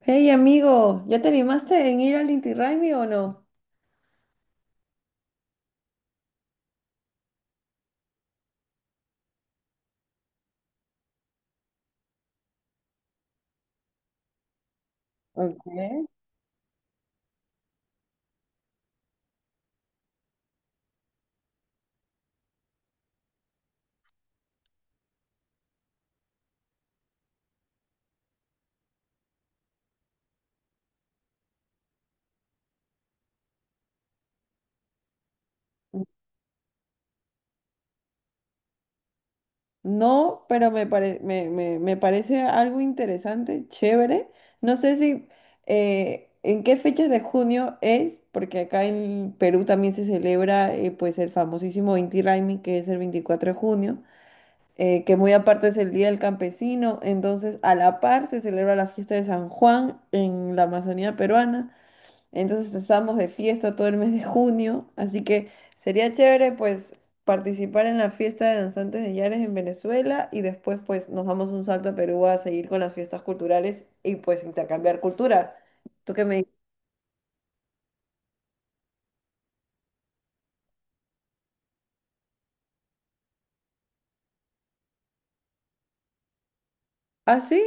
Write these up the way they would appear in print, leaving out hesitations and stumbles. Hey amigo, ¿ya te animaste en ir al Inti Raymi o no? Okay. No, pero me, me, me parece algo interesante, chévere. No sé si en qué fechas de junio es, porque acá en Perú también se celebra pues el famosísimo Inti Raymi, que es el 24 de junio, que muy aparte es el Día del Campesino. Entonces, a la par se celebra la fiesta de San Juan en la Amazonía peruana. Entonces estamos de fiesta todo el mes de junio, así que sería chévere pues participar en la fiesta de danzantes de Yares en Venezuela y después pues nos damos un salto a Perú a seguir con las fiestas culturales y pues intercambiar cultura. ¿Tú qué me dices? Ah, sí,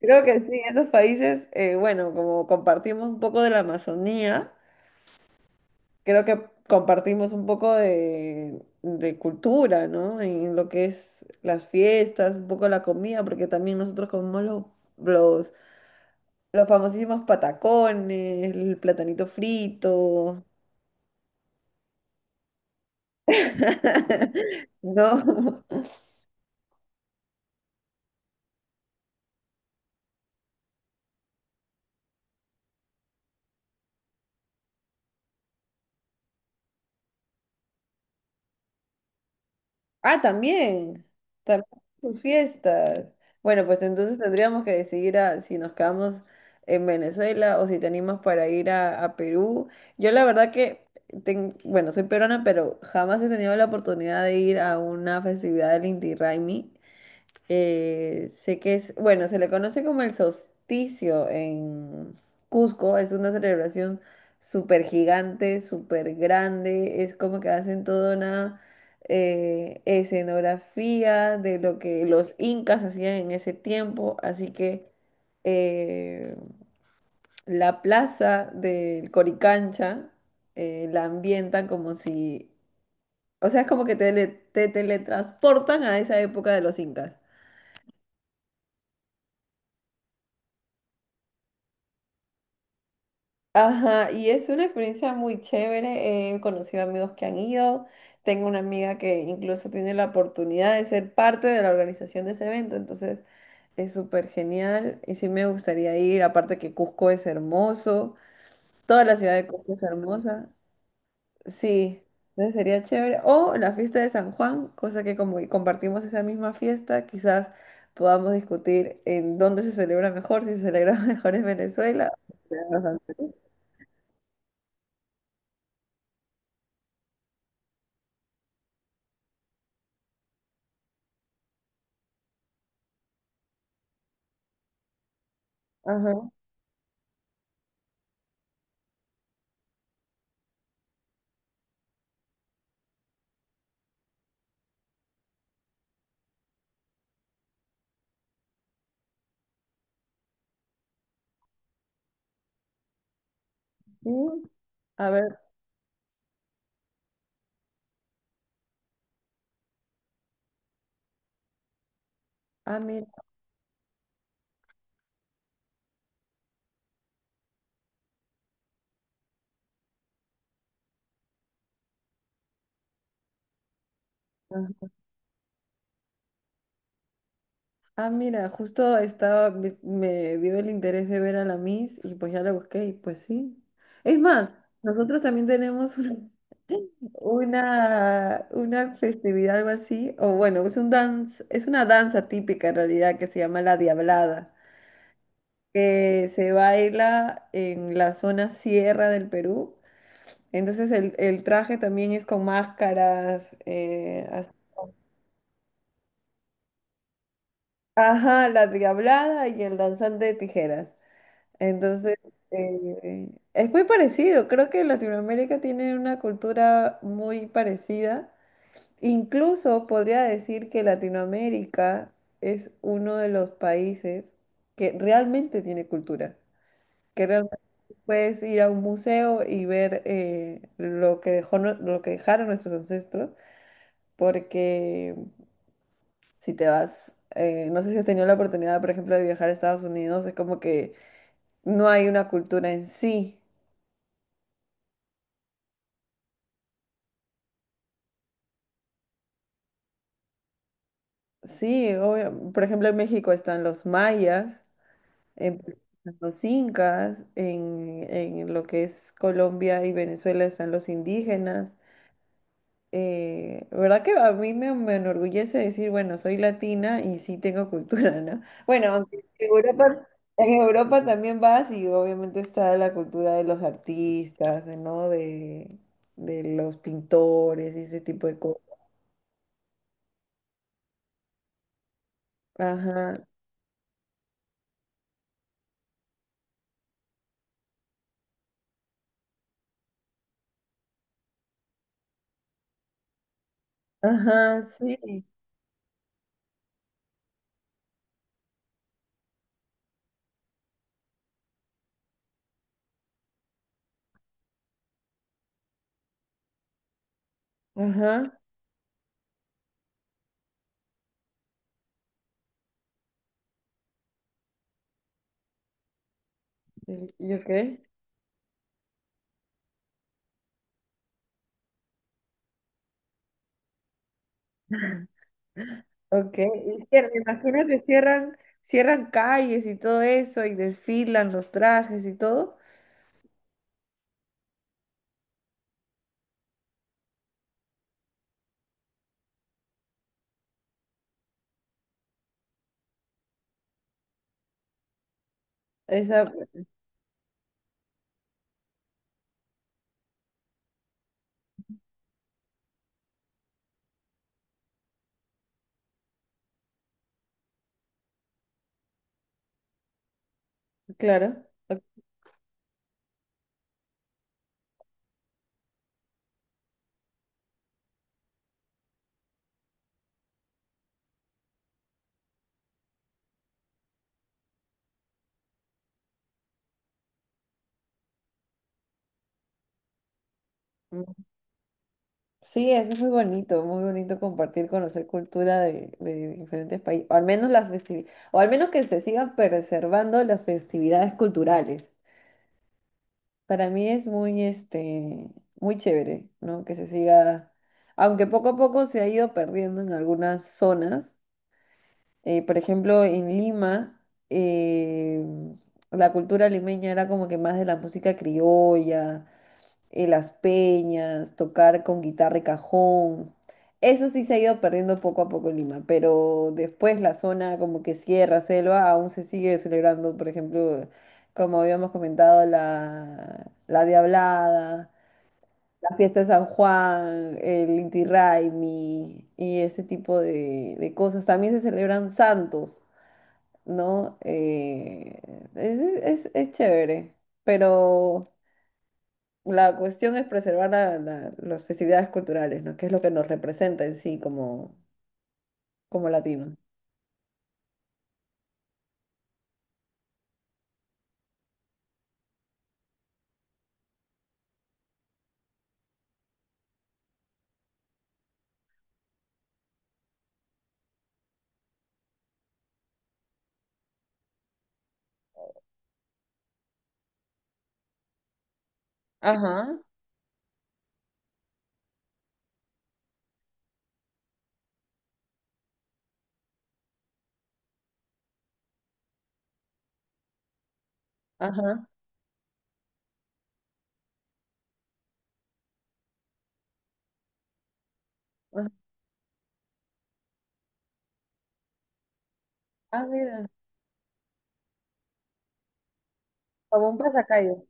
creo que sí, en esos países, bueno, como compartimos un poco de la Amazonía, creo que compartimos un poco de cultura, ¿no? En lo que es las fiestas, un poco la comida, porque también nosotros comemos los los famosísimos patacones, el platanito frito. No. Ah, también. También sus fiestas. Bueno, pues entonces tendríamos que decidir si nos quedamos en Venezuela o si tenemos para ir a Perú. Yo la verdad que, bueno, soy peruana, pero jamás he tenido la oportunidad de ir a una festividad del Inti Raymi. Sé que es, bueno, se le conoce como el solsticio en Cusco, es una celebración súper gigante, súper grande, es como que hacen toda una escenografía de lo que los incas hacían en ese tiempo, así que eh, la plaza del Coricancha la ambientan como si, o sea, es como que te, te teletransportan a esa época de los incas. Ajá, y es una experiencia muy chévere. He conocido amigos que han ido. Tengo una amiga que incluso tiene la oportunidad de ser parte de la organización de ese evento, entonces es súper genial y sí me gustaría ir. Aparte que Cusco es hermoso, toda la ciudad de Cusco es hermosa. Sí, entonces sería chévere. O la fiesta de San Juan, cosa que como compartimos esa misma fiesta, quizás podamos discutir en dónde se celebra mejor, si se celebra mejor en Venezuela o en Perú. Ajá. Sí. A ver, ah, mira, ah, mira, justo estaba, me dio el interés de ver a la Miss y pues ya la busqué y pues sí. Es más, nosotros también tenemos una festividad, algo así, o bueno, es un dance, es una danza típica en realidad que se llama la Diablada, que se baila en la zona sierra del Perú. Entonces el traje también es con máscaras, así. Ajá, la Diablada y el danzante de tijeras. Entonces, es muy parecido. Creo que Latinoamérica tiene una cultura muy parecida. Incluso podría decir que Latinoamérica es uno de los países que realmente tiene cultura. Que realmente puedes ir a un museo y ver lo que dejó, lo que dejaron nuestros ancestros. Porque si te vas, no sé si has tenido la oportunidad, por ejemplo, de viajar a Estados Unidos, es como que no hay una cultura en sí. Sí, obvio. Por ejemplo, en México están los mayas, en Perú están los incas, en lo que es Colombia y Venezuela están los indígenas. ¿Verdad que a mí me, me enorgullece decir, bueno, soy latina y sí tengo cultura, ¿no? Bueno, aunque en Europa también vas y obviamente está la cultura de los artistas, ¿no? De los pintores y ese tipo de cosas. Ajá, ajá, sí, ajá. ¿Y ok? Ok. Y me imagino que cierran, cierran calles y todo eso, y desfilan los trajes y todo. Esa, claro. Ok, mm. Sí, eso es muy bonito compartir, conocer cultura de diferentes países, o al menos las o al menos que se sigan preservando las festividades culturales. Para mí es muy, este, muy chévere, ¿no? Que se siga, aunque poco a poco se ha ido perdiendo en algunas zonas. Por ejemplo, en Lima, eh, la cultura limeña era como que más de la música criolla, las peñas, tocar con guitarra y cajón. Eso sí se ha ido perdiendo poco a poco en Lima, pero después la zona como que sierra, selva, aún se sigue celebrando, por ejemplo, como habíamos comentado, la, la Diablada, la fiesta de San Juan, el Inti Raymi y ese tipo de cosas. También se celebran santos. ¿No? Es, es chévere, pero la cuestión es preservar las festividades culturales, ¿no? Que es lo que nos representa en sí como, como latinos. Ajá, ajá, ajá. Ah, mira, como un pasacalle.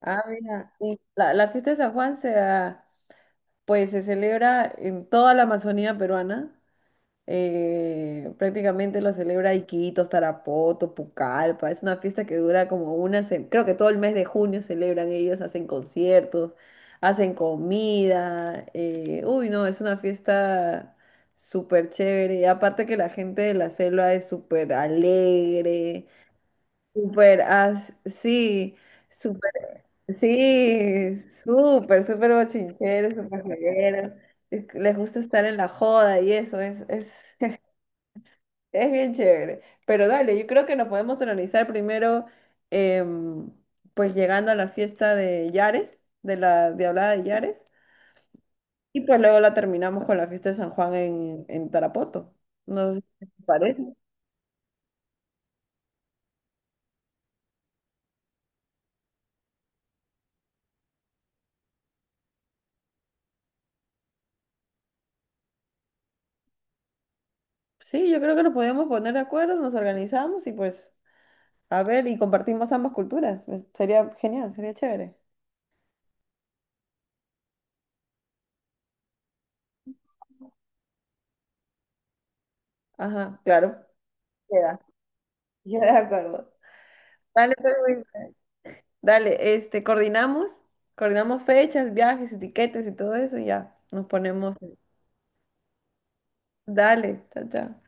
Ah, mira. Y la fiesta de San Juan se, ah, pues, se celebra en toda la Amazonía peruana. Prácticamente lo celebra Iquitos, Tarapoto, Pucallpa. Es una fiesta que dura como una semana. Creo que todo el mes de junio celebran ellos, hacen conciertos, hacen comida. Uy, no, es una fiesta súper chévere. Y aparte que la gente de la selva es súper alegre, súper sí, súper, sí, súper, súper bochinchero, súper joguero. Es- que Les gusta estar en la joda y eso es bien chévere. Pero dale, yo creo que nos podemos organizar primero, em, pues llegando a la fiesta de Yares, de la Diablada de Yares, y pues luego la terminamos con la fiesta de San Juan en Tarapoto. No sé si te parece. Sí, yo creo que nos podemos poner de acuerdo, nos organizamos y pues, a ver, y compartimos ambas culturas. Pues, sería genial, sería chévere. Ajá, claro. Queda, queda de acuerdo. Dale, pues, Luis. Dale, este, coordinamos, coordinamos fechas, viajes, etiquetas y todo eso y ya nos ponemos. Dale, chao, chao.